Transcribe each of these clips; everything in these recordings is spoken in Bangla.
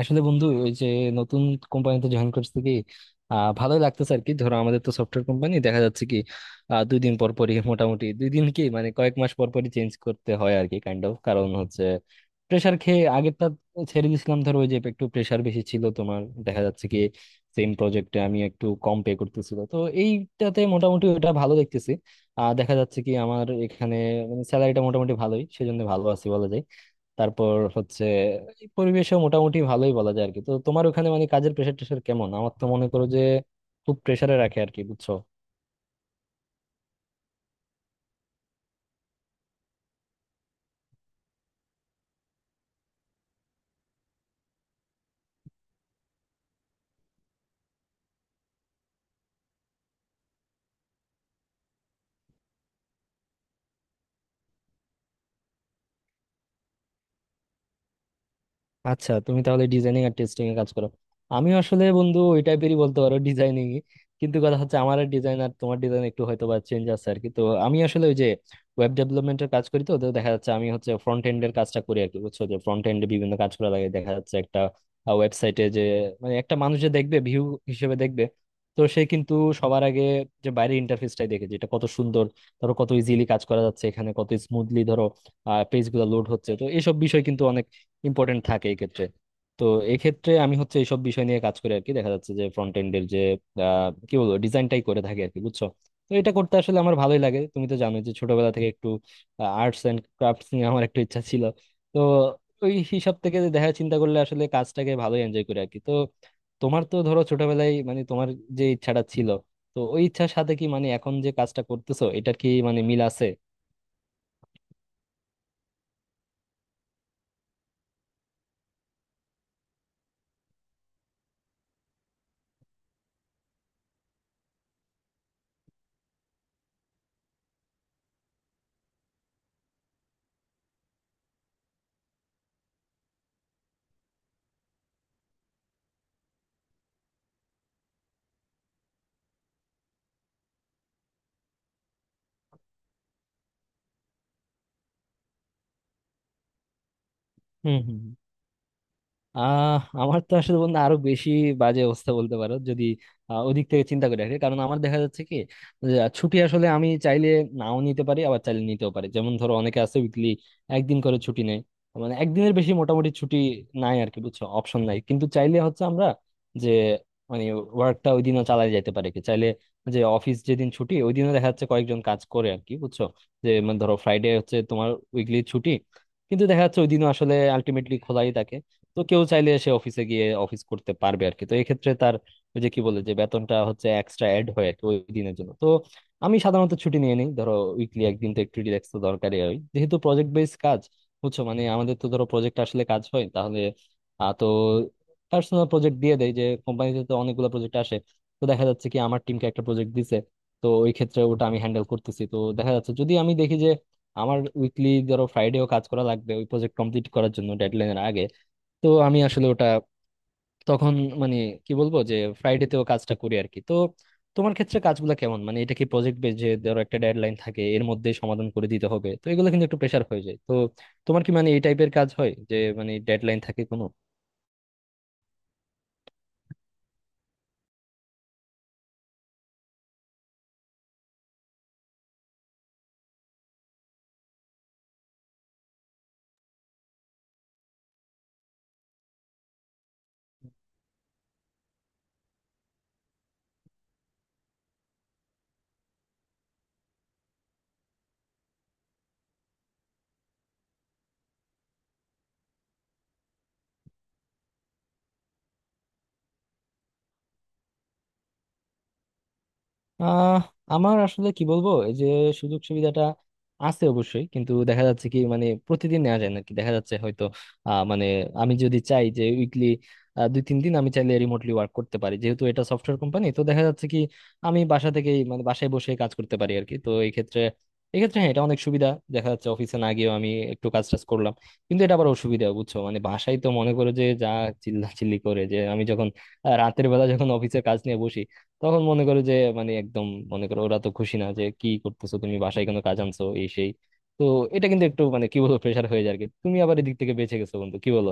আসলে বন্ধু ওই যে নতুন কোম্পানিতে জয়েন করছি কি ভালোই লাগতেছে আর কি ধরো আমাদের তো সফটওয়্যার কোম্পানি দেখা যাচ্ছে কি দুই দিন পর পরই মোটামুটি দুই দিন কি মানে কয়েক মাস পর পরই চেঞ্জ করতে হয় আর কি কাইন্ড অফ কারণ হচ্ছে প্রেসার খেয়ে আগেরটা ছেড়ে দিয়েছিলাম ধরো ওই যে একটু প্রেসার বেশি ছিল তোমার দেখা যাচ্ছে কি সেম প্রজেক্টে আমি একটু কম পে করতেছিল, তো এইটাতে মোটামুটি ওটা ভালো দেখতেছি। আর দেখা যাচ্ছে কি আমার এখানে মানে স্যালারিটা মোটামুটি ভালোই, সেজন্য ভালো আছি বলা যায়। তারপর হচ্ছে এই পরিবেশও মোটামুটি ভালোই বলা যায় আর কি। তো তোমার ওখানে মানে কাজের প্রেশার টেশার কেমন? আমার তো মনে করো যে খুব প্রেশারে রাখে আর কি, বুঝছো? আচ্ছা তুমি তাহলে ডিজাইনিং আর টেস্টিং এ কাজ করো। আমি আসলে বন্ধু ওই টাইপেরই বলতে পারো ডিজাইনিং, কিন্তু কথা হচ্ছে আমার ডিজাইন আর তোমার ডিজাইন একটু হয়তো বা চেঞ্জ আছে আর কি। তো আমি আসলে ওই যে ওয়েব ডেভেলপমেন্টের কাজ করি। তো তো দেখা যাচ্ছে আমি হচ্ছে ফ্রন্ট এন্ডের কাজটা করি আর কি, বুঝছো? যে ফ্রন্ট এন্ডে বিভিন্ন কাজ করা লাগে, দেখা যাচ্ছে একটা ওয়েবসাইটে যে মানে একটা মানুষ যে দেখবে ভিউ হিসেবে দেখবে, তো সে কিন্তু সবার আগে যে বাইরের ইন্টারফেসটাই দেখে, যেটা কত সুন্দর, ধরো কত ইজিলি কাজ করা যাচ্ছে এখানে, কত স্মুথলি ধরো পেজ গুলো লোড হচ্ছে, তো এইসব বিষয় কিন্তু অনেক ইম্পর্টেন্ট থাকে এই ক্ষেত্রে। তো এক্ষেত্রে আমি হচ্ছে এইসব বিষয় নিয়ে কাজ করি আর কি। দেখা যাচ্ছে যে ফ্রন্ট এন্ডের যে কি বলবো ডিজাইনটাই করে থাকি আর কি, বুঝছো? তো এটা করতে আসলে আমার ভালোই লাগে। তুমি তো জানোই যে ছোটবেলা থেকে একটু আর্টস এন্ড ক্রাফটস নিয়ে আমার একটু ইচ্ছা ছিল। তো ওই হিসাব থেকে দেখা চিন্তা করলে আসলে কাজটাকে ভালোই এনজয় করি আর কি। তো তোমার তো ধরো ছোটবেলায় মানে তোমার যে ইচ্ছাটা ছিল, তো ওই ইচ্ছার সাথে কি মানে এখন যে কাজটা করতেছো এটার কি মানে মিল আছে? হুম, হুম। আহ আমার তো আসলে বন্ধু আরো বেশি বাজে অবস্থা বলতে পারো, যদি ওদিক থেকে চিন্তা করি আর কি। কারণ আমার দেখা যাচ্ছে কি যে, ছুটি আসলে আমি চাইলে নাও নিতে পারি আবার চাইলে নিতেও পারি। যেমন ধরো অনেকে আছে উইকলি একদিন করে ছুটি নেয়, মানে একদিনের বেশি মোটামুটি ছুটি নাই আর কি, বুঝছো, অপশন নাই, কিন্তু চাইলে হচ্ছে আমরা যে মানে ওয়ার্কটা ওই দিনও চালাই যেতে পারি কি চাইলে। যে অফিস যেদিন ছুটি ওই দিনও দেখা যাচ্ছে কয়েকজন কাজ করে আর কি, বুঝছো? যে মানে ধরো ফ্রাইডে হচ্ছে তোমার উইকলি ছুটি, কিন্তু দেখা যাচ্ছে ওই দিনও আসলে আলটিমেটলি খোলাই থাকে। তো কেউ চাইলে সে অফিসে গিয়ে অফিস করতে পারবে আর কি। তো এক্ষেত্রে তার ওই যে কি বলে যে বেতনটা হচ্ছে এক্সট্রা অ্যাড হয় আর কি ওই দিনের জন্য। তো আমি সাধারণত ছুটি নিয়ে নিই ধরো উইকলি একদিন, তো একটু রিল্যাক্স তো দরকারই হয় যেহেতু প্রজেক্ট বেস কাজ, বুঝছো? মানে আমাদের তো ধরো প্রজেক্ট আসলে কাজ হয় তাহলে তো পার্সোনাল প্রজেক্ট দিয়ে দেয় যে, কোম্পানিতে তো অনেকগুলো প্রজেক্ট আসে, তো দেখা যাচ্ছে কি আমার টিমকে একটা প্রজেক্ট দিছে, তো ওই ক্ষেত্রে ওটা আমি হ্যান্ডেল করতেছি। তো দেখা যাচ্ছে যদি আমি দেখি যে আমার উইকলি ধরো ফ্রাইডেও কাজ করা লাগবে ওই প্রজেক্ট কমপ্লিট করার জন্য ডেডলাইনের আগে, তো আমি আসলে ওটা তখন মানে কি বলবো যে ফ্রাইডেতেও কাজটা করি আর কি। তো তোমার ক্ষেত্রে কাজগুলো কেমন, মানে এটা কি প্রজেক্ট বেস যে ধরো একটা ডেডলাইন থাকে এর মধ্যে সমাধান করে দিতে হবে? তো এগুলো কিন্তু একটু প্রেশার হয়ে যায়। তো তোমার কি মানে এই টাইপের কাজ হয় যে মানে ডেডলাইন থাকে কোনো? আহ আমার আসলে কি বলবো, এই যে সুযোগ সুবিধাটা আছে অবশ্যই, কিন্তু দেখা যাচ্ছে কি মানে প্রতিদিন নেওয়া যায় না কি, দেখা যাচ্ছে হয়তো মানে আমি যদি চাই যে উইকলি দুই তিন দিন আমি চাইলে রিমোটলি ওয়ার্ক করতে পারি, যেহেতু এটা সফটওয়্যার কোম্পানি। তো দেখা যাচ্ছে কি আমি বাসা থেকেই মানে বাসায় বসে কাজ করতে পারি আর কি। তো এই ক্ষেত্রে এক্ষেত্রে হ্যাঁ এটা অনেক সুবিধা, দেখা যাচ্ছে অফিসে না গিয়েও আমি একটু কাজ টাজ করলাম। কিন্তু এটা আবার অসুবিধা, বুঝছো, মানে বাসায় তো মনে করো যে যা চিল্লাচিল্লি করে, যে আমি যখন রাতের বেলা যখন অফিসের কাজ নিয়ে বসি তখন মনে করো যে মানে একদম মনে করো ওরা তো খুশি না যে কি করতেছো তুমি বাসায় কোনো কাজ আনছো এই সেই। তো এটা কিন্তু একটু মানে কি বলবো প্রেশার হয়ে যায় আর কি। তুমি আবার এদিক থেকে বেঁচে গেছো বন্ধু, কি বলো?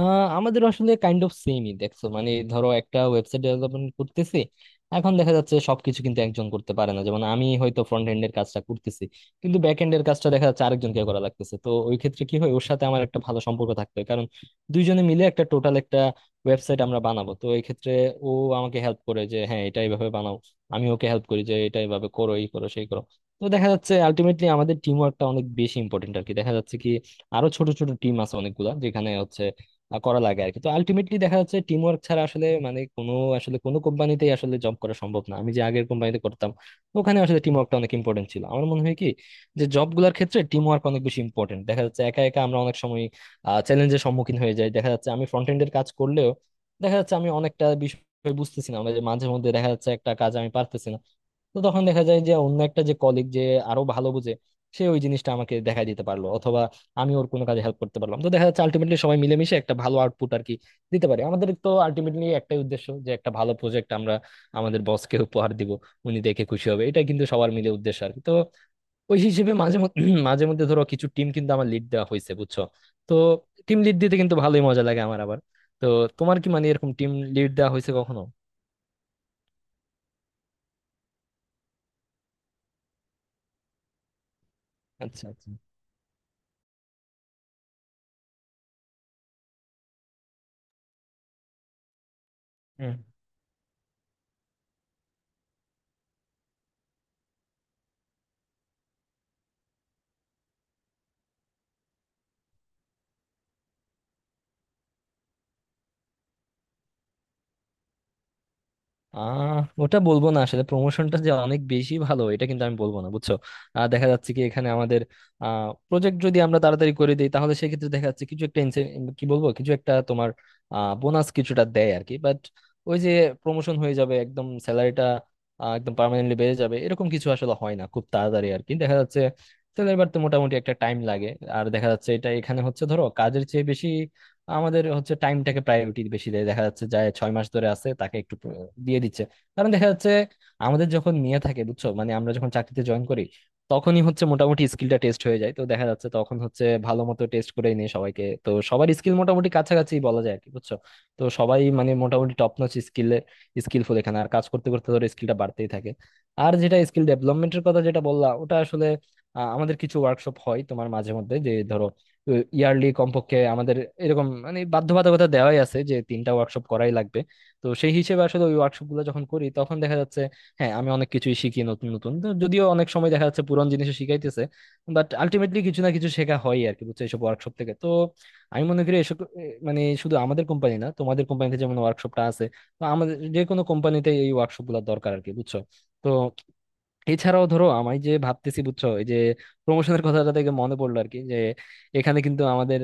আমাদের আসলে কাইন্ড অফ সেমই দেখছো। মানে ধরো একটা ওয়েবসাইট ডেভেলপমেন্ট করতেছি, এখন দেখা যাচ্ছে সবকিছু কিন্তু একজন করতে পারে না। যেমন আমি হয়তো ফ্রন্ট এন্ড এর কাজটা করতেছি, কিন্তু ব্যাক এন্ড এর কাজটা দেখা যাচ্ছে আরেকজনকে করা লাগতেছে। তো ওই ক্ষেত্রে কি হয় ওর সাথে আমার একটা ভালো সম্পর্ক থাকতে হয়, কারণ দুইজনে মিলে একটা টোটাল একটা ওয়েবসাইট আমরা বানাবো। তো এই ক্ষেত্রে ও আমাকে হেল্প করে যে হ্যাঁ এটা এইভাবে বানাও, আমি ওকে হেল্প করি যে এটা এইভাবে করো এই করো সেই করো। তো দেখা যাচ্ছে আলটিমেটলি আমাদের টিম ওয়ার্কটা অনেক বেশি ইম্পর্টেন্ট আর কি। দেখা যাচ্ছে কি আরো ছোট ছোট টিম আছে অনেকগুলা যেখানে হচ্ছে করা লাগে আর কি। তো আলটিমেটলি দেখা যাচ্ছে টিম ওয়ার্ক ছাড়া আসলে মানে কোনো আসলে কোনো কোম্পানিতেই আসলে জব করা সম্ভব না। আমি যে আগের কোম্পানিতে করতাম ওখানে আসলে টিম ওয়ার্কটা অনেক ইম্পর্টেন্ট ছিল। আমার মনে হয় কি যে জব গুলার ক্ষেত্রে টিম ওয়ার্ক অনেক বেশি ইম্পর্টেন্ট, দেখা যাচ্ছে একা একা আমরা অনেক সময় চ্যালেঞ্জের সম্মুখীন হয়ে যাই। দেখা যাচ্ছে আমি ফ্রন্ট এন্ডের কাজ করলেও দেখা যাচ্ছে আমি অনেকটা বিষয় বুঝতেছি না, মানে যে মাঝে মধ্যে দেখা যাচ্ছে একটা কাজ আমি পারতেছি না। তো তখন দেখা যায় যে অন্য একটা যে কলিগ যে আরো ভালো বুঝে, সে ওই জিনিসটা আমাকে দেখাই দিতে পারলো, আমি ওর কোনো কাজে হেল্প করতে পারলাম। তো দেখা যাচ্ছে আলটিমেটলি সবাই মিলেমিশে একটা ভালো আউটপুট আর কি দিতে পারি। আমাদের তো আলটিমেটলি একটাই উদ্দেশ্য যে একটা ভালো প্রজেক্ট আমরা আমাদের বসকে উপহার দিব, উনি দেখে খুশি হবে, এটা কিন্তু সবার মিলে উদ্দেশ্য আর কি। তো ওই হিসেবে মাঝে মধ্যে মাঝে মধ্যে ধরো কিছু টিম কিন্তু আমার লিড দেওয়া হয়েছে, বুঝছো? তো টিম লিড দিতে কিন্তু ভালোই মজা লাগে আমার আবার। তো তোমার কি মানে এরকম টিম লিড দেওয়া হয়েছে কখনো? আচ্ছা, আচ্ছা। হুম। আহ ওটা বলবো না, আসলে প্রমোশনটা যে অনেক বেশি ভালো এটা কিন্তু আমি বলবো না, বুঝছো? দেখা যাচ্ছে কি এখানে আমাদের আহ প্রজেক্ট যদি আমরা তাড়াতাড়ি করে দিই তাহলে সেক্ষেত্রে দেখা যাচ্ছে কিছু একটা কি বলবো কিছু একটা তোমার বোনাস কিছুটা দেয় আর কি। বাট ওই যে প্রমোশন হয়ে যাবে একদম, স্যালারিটা একদম পার্মানেন্টলি বেড়ে যাবে এরকম কিছু আসলে হয় না খুব তাড়াতাড়ি আর কি। দেখা যাচ্ছে স্যালারি বাড়তে মোটামুটি একটা টাইম লাগে। আর দেখা যাচ্ছে এটা এখানে হচ্ছে ধরো কাজের চেয়ে বেশি আমাদের হচ্ছে টাইমটাকে প্রায়োরিটি বেশি দেয়, দেখা যাচ্ছে যায় ছয় মাস ধরে আছে তাকে একটু দিয়ে দিচ্ছে। কারণ দেখা যাচ্ছে আমাদের যখন নিয়ে থাকে, বুঝছো, মানে আমরা যখন চাকরিতে জয়েন করি, তখনই হচ্ছে মোটামুটি স্কিলটা টেস্ট হয়ে যায়। তো দেখা যাচ্ছে তখন হচ্ছে ভালো মতো টেস্ট করে নিয়ে সবাইকে, তো সবার স্কিল মোটামুটি কাছাকাছি বলা যায় আর কি, বুঝছো? তো সবাই মানে মোটামুটি টপ নচ স্কিলে স্কিলফুল এখানে। আর কাজ করতে করতে ধরো স্কিলটা বাড়তেই থাকে। আর যেটা স্কিল ডেভেলপমেন্টের কথা যেটা বললা ওটা আসলে আমাদের কিছু ওয়ার্কশপ হয় তোমার মাঝে মধ্যে যে ধরো ইয়ারলি কমপক্ষে আমাদের এরকম মানে বাধ্যবাধকতা দেওয়াই আছে যে তিনটা ওয়ার্কশপ করাই লাগবে। তো সেই হিসেবে আসলে ওই ওয়ার্কশপ গুলো যখন করি তখন দেখা যাচ্ছে হ্যাঁ আমি অনেক কিছুই শিখি নতুন নতুন। তো যদিও অনেক সময় দেখা যাচ্ছে পুরনো জিনিসও শিখাইতেছে, বাট আলটিমেটলি কিছু না কিছু শেখা হয় আর কি, বুঝছো, এইসব ওয়ার্কশপ থেকে। তো আমি মনে করি মানে শুধু আমাদের কোম্পানি না, তোমাদের কোম্পানিতে যেমন ওয়ার্কশপটা আছে, তো আমাদের যে কোনো কোম্পানিতে এই ওয়ার্কশপ গুলো দরকার আর কি, বুঝছো? তো এছাড়াও ধরো আমি যে ভাবতেছি, বুঝছো, এই যে প্রমোশনের কথাটা থেকে মনে পড়লো আর কি, যে এখানে কিন্তু আমাদের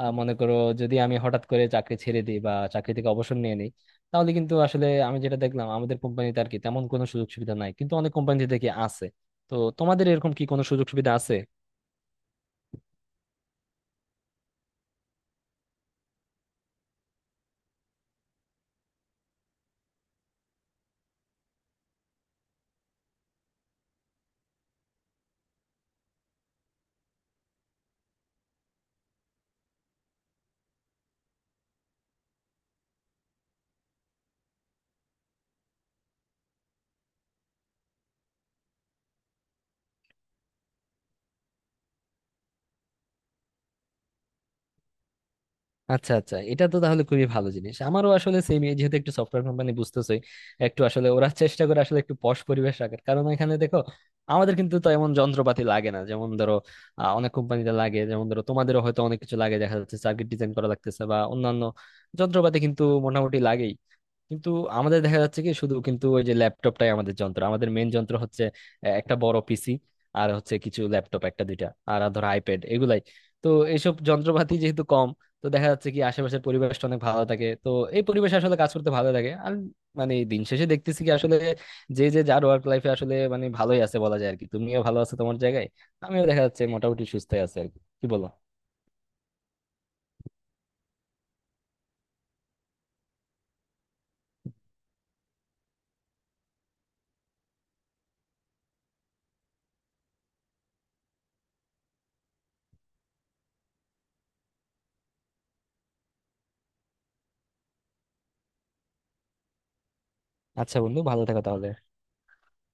মনে করো যদি আমি হঠাৎ করে চাকরি ছেড়ে দিই বা চাকরি থেকে অবসর নিয়ে নিই তাহলে কিন্তু আসলে আমি যেটা দেখলাম আমাদের কোম্পানিতে আর কি তেমন কোনো সুযোগ সুবিধা নাই, কিন্তু অনেক কোম্পানিতে দেখি আছে। তো তোমাদের এরকম কি কোনো সুযোগ সুবিধা আছে? আচ্ছা, আচ্ছা, এটা তো তাহলে খুবই ভালো জিনিস। আমারও আসলে সেম, যেহেতু একটু সফটওয়্যার কোম্পানি বুঝতেছই, একটু আসলে ওরা চেষ্টা করে আসলে একটু পশ পরিবেশ রাখার, কারণ এখানে দেখো আমাদের কিন্তু তো এমন যন্ত্রপাতি লাগে না যেমন ধরো অনেক কোম্পানিতে লাগে, যেমন ধরো তোমাদেরও হয়তো অনেক কিছু লাগে, দেখা যাচ্ছে সার্কিট ডিজাইন করা লাগতেছে বা অন্যান্য যন্ত্রপাতি কিন্তু মোটামুটি লাগেই। কিন্তু আমাদের দেখা যাচ্ছে কি শুধু কিন্তু ওই যে ল্যাপটপটাই আমাদের যন্ত্র, আমাদের মেন যন্ত্র হচ্ছে একটা বড় পিসি, আর হচ্ছে কিছু ল্যাপটপ একটা দুইটা আর ধর আইপ্যাড, এগুলাই। তো এইসব যন্ত্রপাতি যেহেতু কম, তো দেখা যাচ্ছে কি আশেপাশের পরিবেশটা অনেক ভালো থাকে। তো এই পরিবেশে আসলে কাজ করতে ভালো লাগে। আর মানে দিন শেষে দেখতেছি কি আসলে যে যে যার ওয়ার্ক লাইফে আসলে মানে ভালোই আছে বলা যায় আর কি। তুমিও ভালো আছো তোমার জায়গায়, আমিও দেখা যাচ্ছে মোটামুটি সুস্থ আছে আর কি, কি বলো? আচ্ছা বন্ধু, ভালো থাকো তাহলে।